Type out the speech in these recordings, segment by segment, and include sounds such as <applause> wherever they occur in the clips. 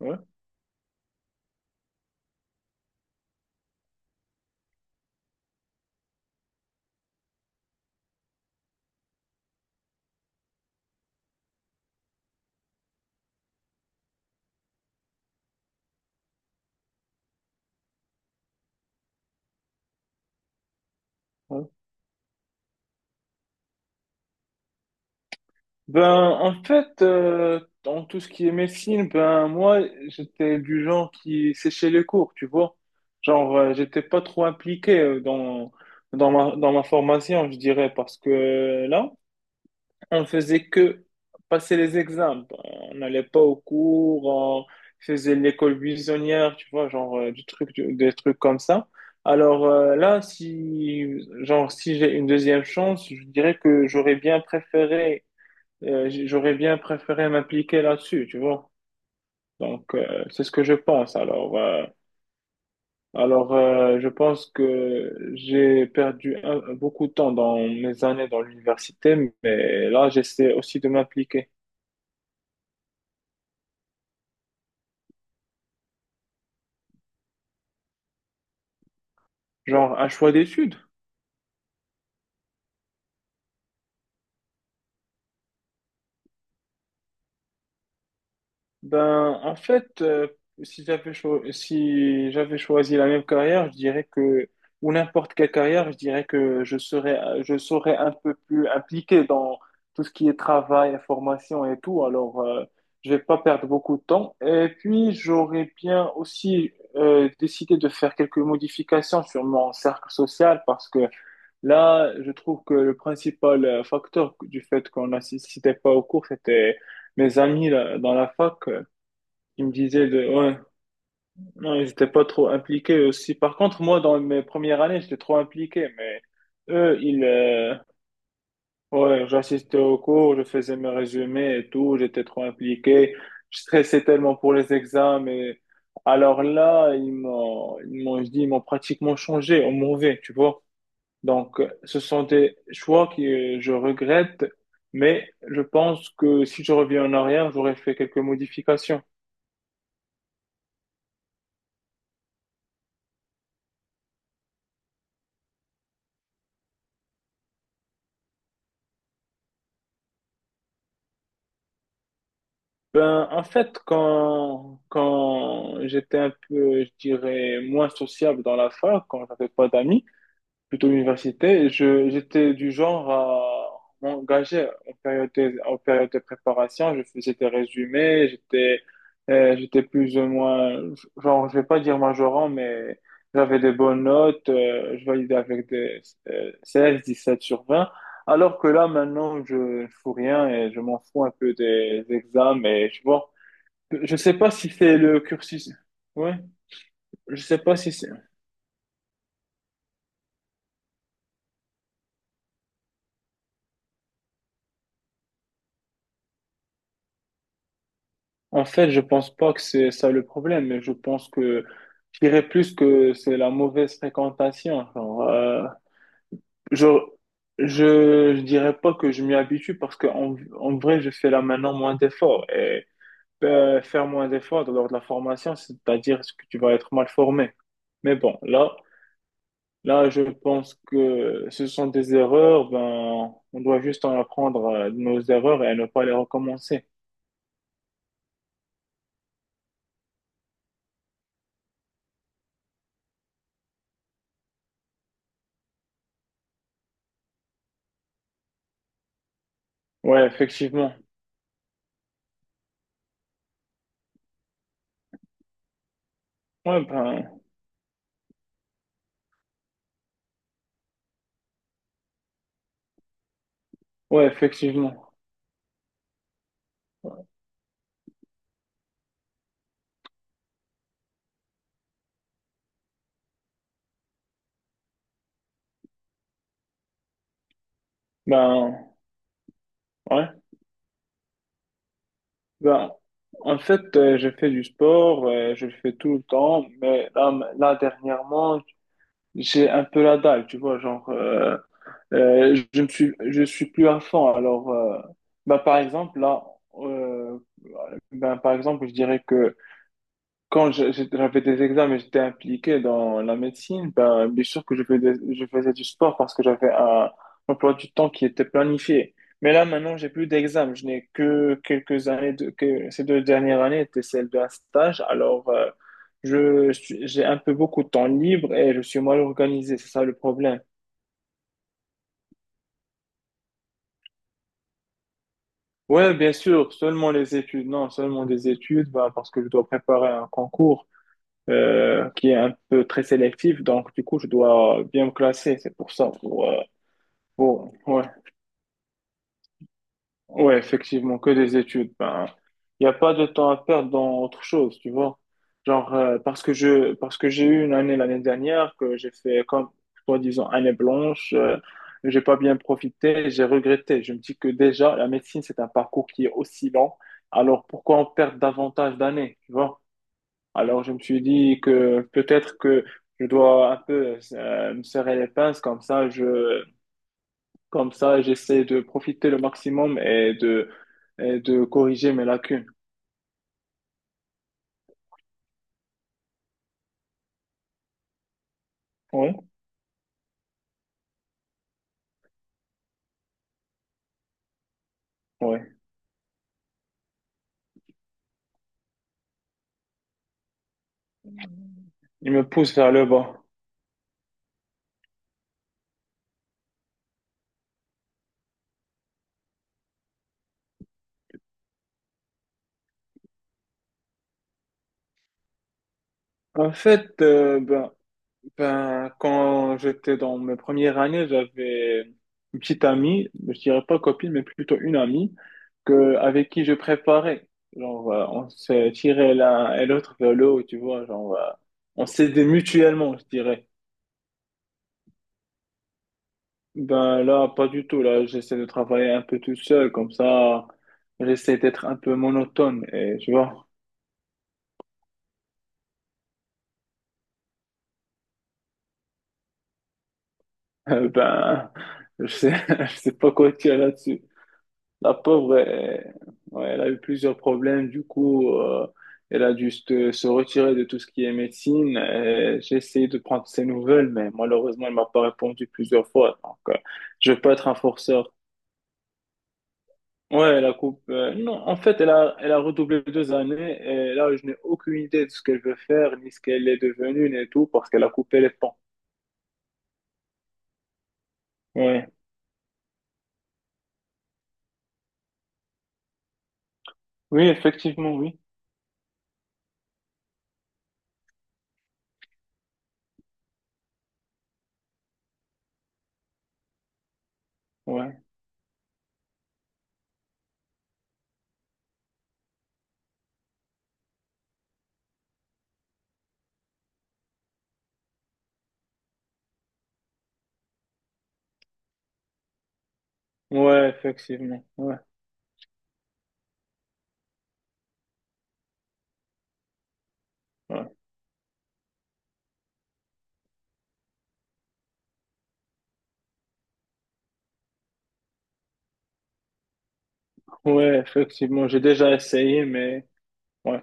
Ouais, ouais. Ben, en fait, dans tout ce qui est médecine, ben, moi, j'étais du genre qui séchait les cours, tu vois. Genre, j'étais pas trop impliqué dans ma formation, je dirais, parce que là, on faisait que passer les examens. Ben, on n'allait pas au cours, on faisait l'école buissonnière, tu vois, genre, des trucs comme ça. Alors là, si, genre, si j'ai une deuxième chance, je dirais que j'aurais bien préféré m'impliquer là-dessus, tu vois. Donc, c'est ce que je pense. Alors, je pense que j'ai perdu beaucoup de temps dans mes années dans l'université, mais là, j'essaie aussi de m'impliquer. Genre, un choix d'études. Ben, en fait, si j'avais choisi la même carrière, je dirais que, ou n'importe quelle carrière, je dirais que je serais un peu plus impliqué dans tout ce qui est travail, formation et tout. Alors, je vais pas perdre beaucoup de temps. Et puis, j'aurais bien aussi décidé de faire quelques modifications sur mon cercle social parce que là, je trouve que le principal facteur du fait qu'on n'assistait pas au cours, c'était mes amis là, dans la fac. Ils me disaient de, ouais, non, ils n'étaient pas trop impliqués aussi. Par contre, moi, dans mes premières années, j'étais trop impliqué, mais eux, ouais, j'assistais aux cours, je faisais mes résumés et tout, j'étais trop impliqué. Je stressais tellement pour les examens. Et. Alors là, ils m'ont pratiquement changé au mauvais, tu vois. Donc, ce sont des choix que je regrette, mais je pense que si je reviens en arrière, j'aurais fait quelques modifications. Ben, en fait, quand j'étais un peu, je dirais, moins sociable dans la fac, quand j'avais pas d'amis, plutôt l'université. Et j'étais du genre à m'engager en période de préparation. Je faisais des résumés, j'étais plus ou moins, genre, je vais pas dire majorant, mais j'avais des bonnes notes. Je validais avec des 17 sur 20. Alors que là, maintenant, je fous rien et je m'en fous un peu des examens. Et je vois, je sais pas si c'est le cursus. Ouais, je sais pas si c'est. En fait, je pense pas que c'est ça le problème, mais je pense que je dirais plus que c'est la mauvaise fréquentation. Genre, je, je dirais pas que je m'y habitue parce que en vrai, je fais là maintenant moins d'efforts et faire moins d'efforts lors de la formation, c'est-à-dire que tu vas être mal formé. Mais bon, là, je pense que ce sont des erreurs. Ben, on doit juste en apprendre de nos erreurs et ne pas les recommencer. Ouais, effectivement. Ouais, ben, ouais, effectivement. Ben, ouais. Ben, en fait, je fais du sport, je le fais tout le temps, mais là, là dernièrement, j'ai un peu la dalle, tu vois, genre, je ne suis, je suis plus à fond. Alors, ben, par exemple, là, euh, ben, par exemple, je dirais que quand j'avais des examens et j'étais impliqué dans la médecine, ben, bien sûr que je faisais du sport parce que j'avais un emploi du temps qui était planifié. Mais là, maintenant, j'ai plus d'examens. Je n'ai que quelques années de, que ces deux dernières années étaient celles d'un stage. Alors, j'ai un peu beaucoup de temps libre et je suis mal organisé. C'est ça le problème. Ouais, bien sûr, seulement les études. Non, seulement des études, ben, parce que je dois préparer un concours, qui est un peu très sélectif. Donc, du coup, je dois bien me classer. C'est pour ça. Ouais. Ouais, effectivement, que des études. Ben, il n'y a pas de temps à perdre dans autre chose, tu vois. Genre, parce que j'ai eu une année l'année dernière que j'ai fait comme, toi disons, année blanche. J'ai pas bien profité, j'ai regretté. Je me dis que déjà, la médecine, c'est un parcours qui est aussi long. Alors, pourquoi on perd davantage d'années, tu vois? Alors, je me suis dit que peut-être que je dois un peu me serrer les pinces, comme ça, j'essaie de profiter le maximum et de corriger mes lacunes. Oui, oui. Il me pousse vers le bas. En fait, Ben, quand j'étais dans mes premières années, j'avais une petite amie, je dirais pas copine, mais plutôt une amie, avec qui je préparais. Genre, on s'est tiré l'un et l'autre vers le haut, tu vois, genre, on s'aidait mutuellement, je dirais. Ben là, pas du tout. Là, j'essaie de travailler un peu tout seul, comme ça, j'essaie d'être un peu monotone, et tu vois, <laughs> ben, je sais, <laughs> je sais pas quoi dire là-dessus. La pauvre, ouais, elle a eu plusieurs problèmes. Du coup, elle a dû se retirer de tout ce qui est médecine. J'ai essayé de prendre ses nouvelles, mais malheureusement, elle m'a pas répondu plusieurs fois. Donc, je veux pas être un forceur. Ouais, la coupe. Non, en fait, elle a redoublé deux années et là, je n'ai aucune idée de ce qu'elle veut faire, ni ce qu'elle est devenue, ni tout, parce qu'elle a coupé les ponts. Ouais. Oui, effectivement, oui. Ouais. Ouais, effectivement. Ouais. Ouais, ouais, effectivement. J'ai déjà essayé, mais ouais.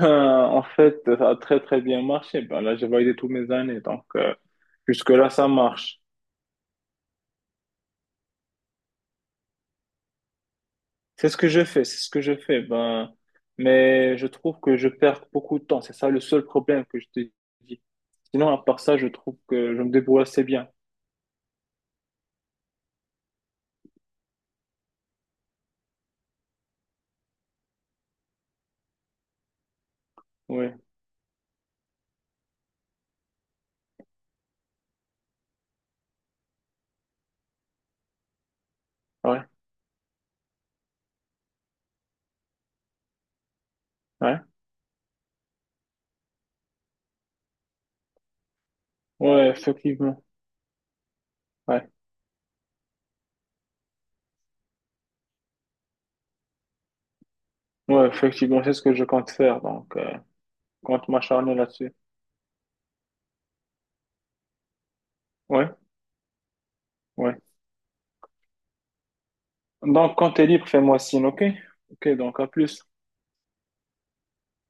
En fait, ça a très très bien marché. Ben là, j'ai validé tous mes années, donc jusque-là, ça marche. C'est ce que je fais, c'est ce que je fais. Ben, mais je trouve que je perds beaucoup de temps. C'est ça le seul problème que je te dis. Sinon, à part ça, je trouve que je me débrouille assez bien. Oui, ouais, ouais, ouais, effectivement. Ouais, ouais, effectivement, c'est ce que je compte faire. Donc, je compte m'acharner là-dessus. Ouais, ouais. Donc, quand t'es libre, fais-moi signe, ok? Ok, donc à plus.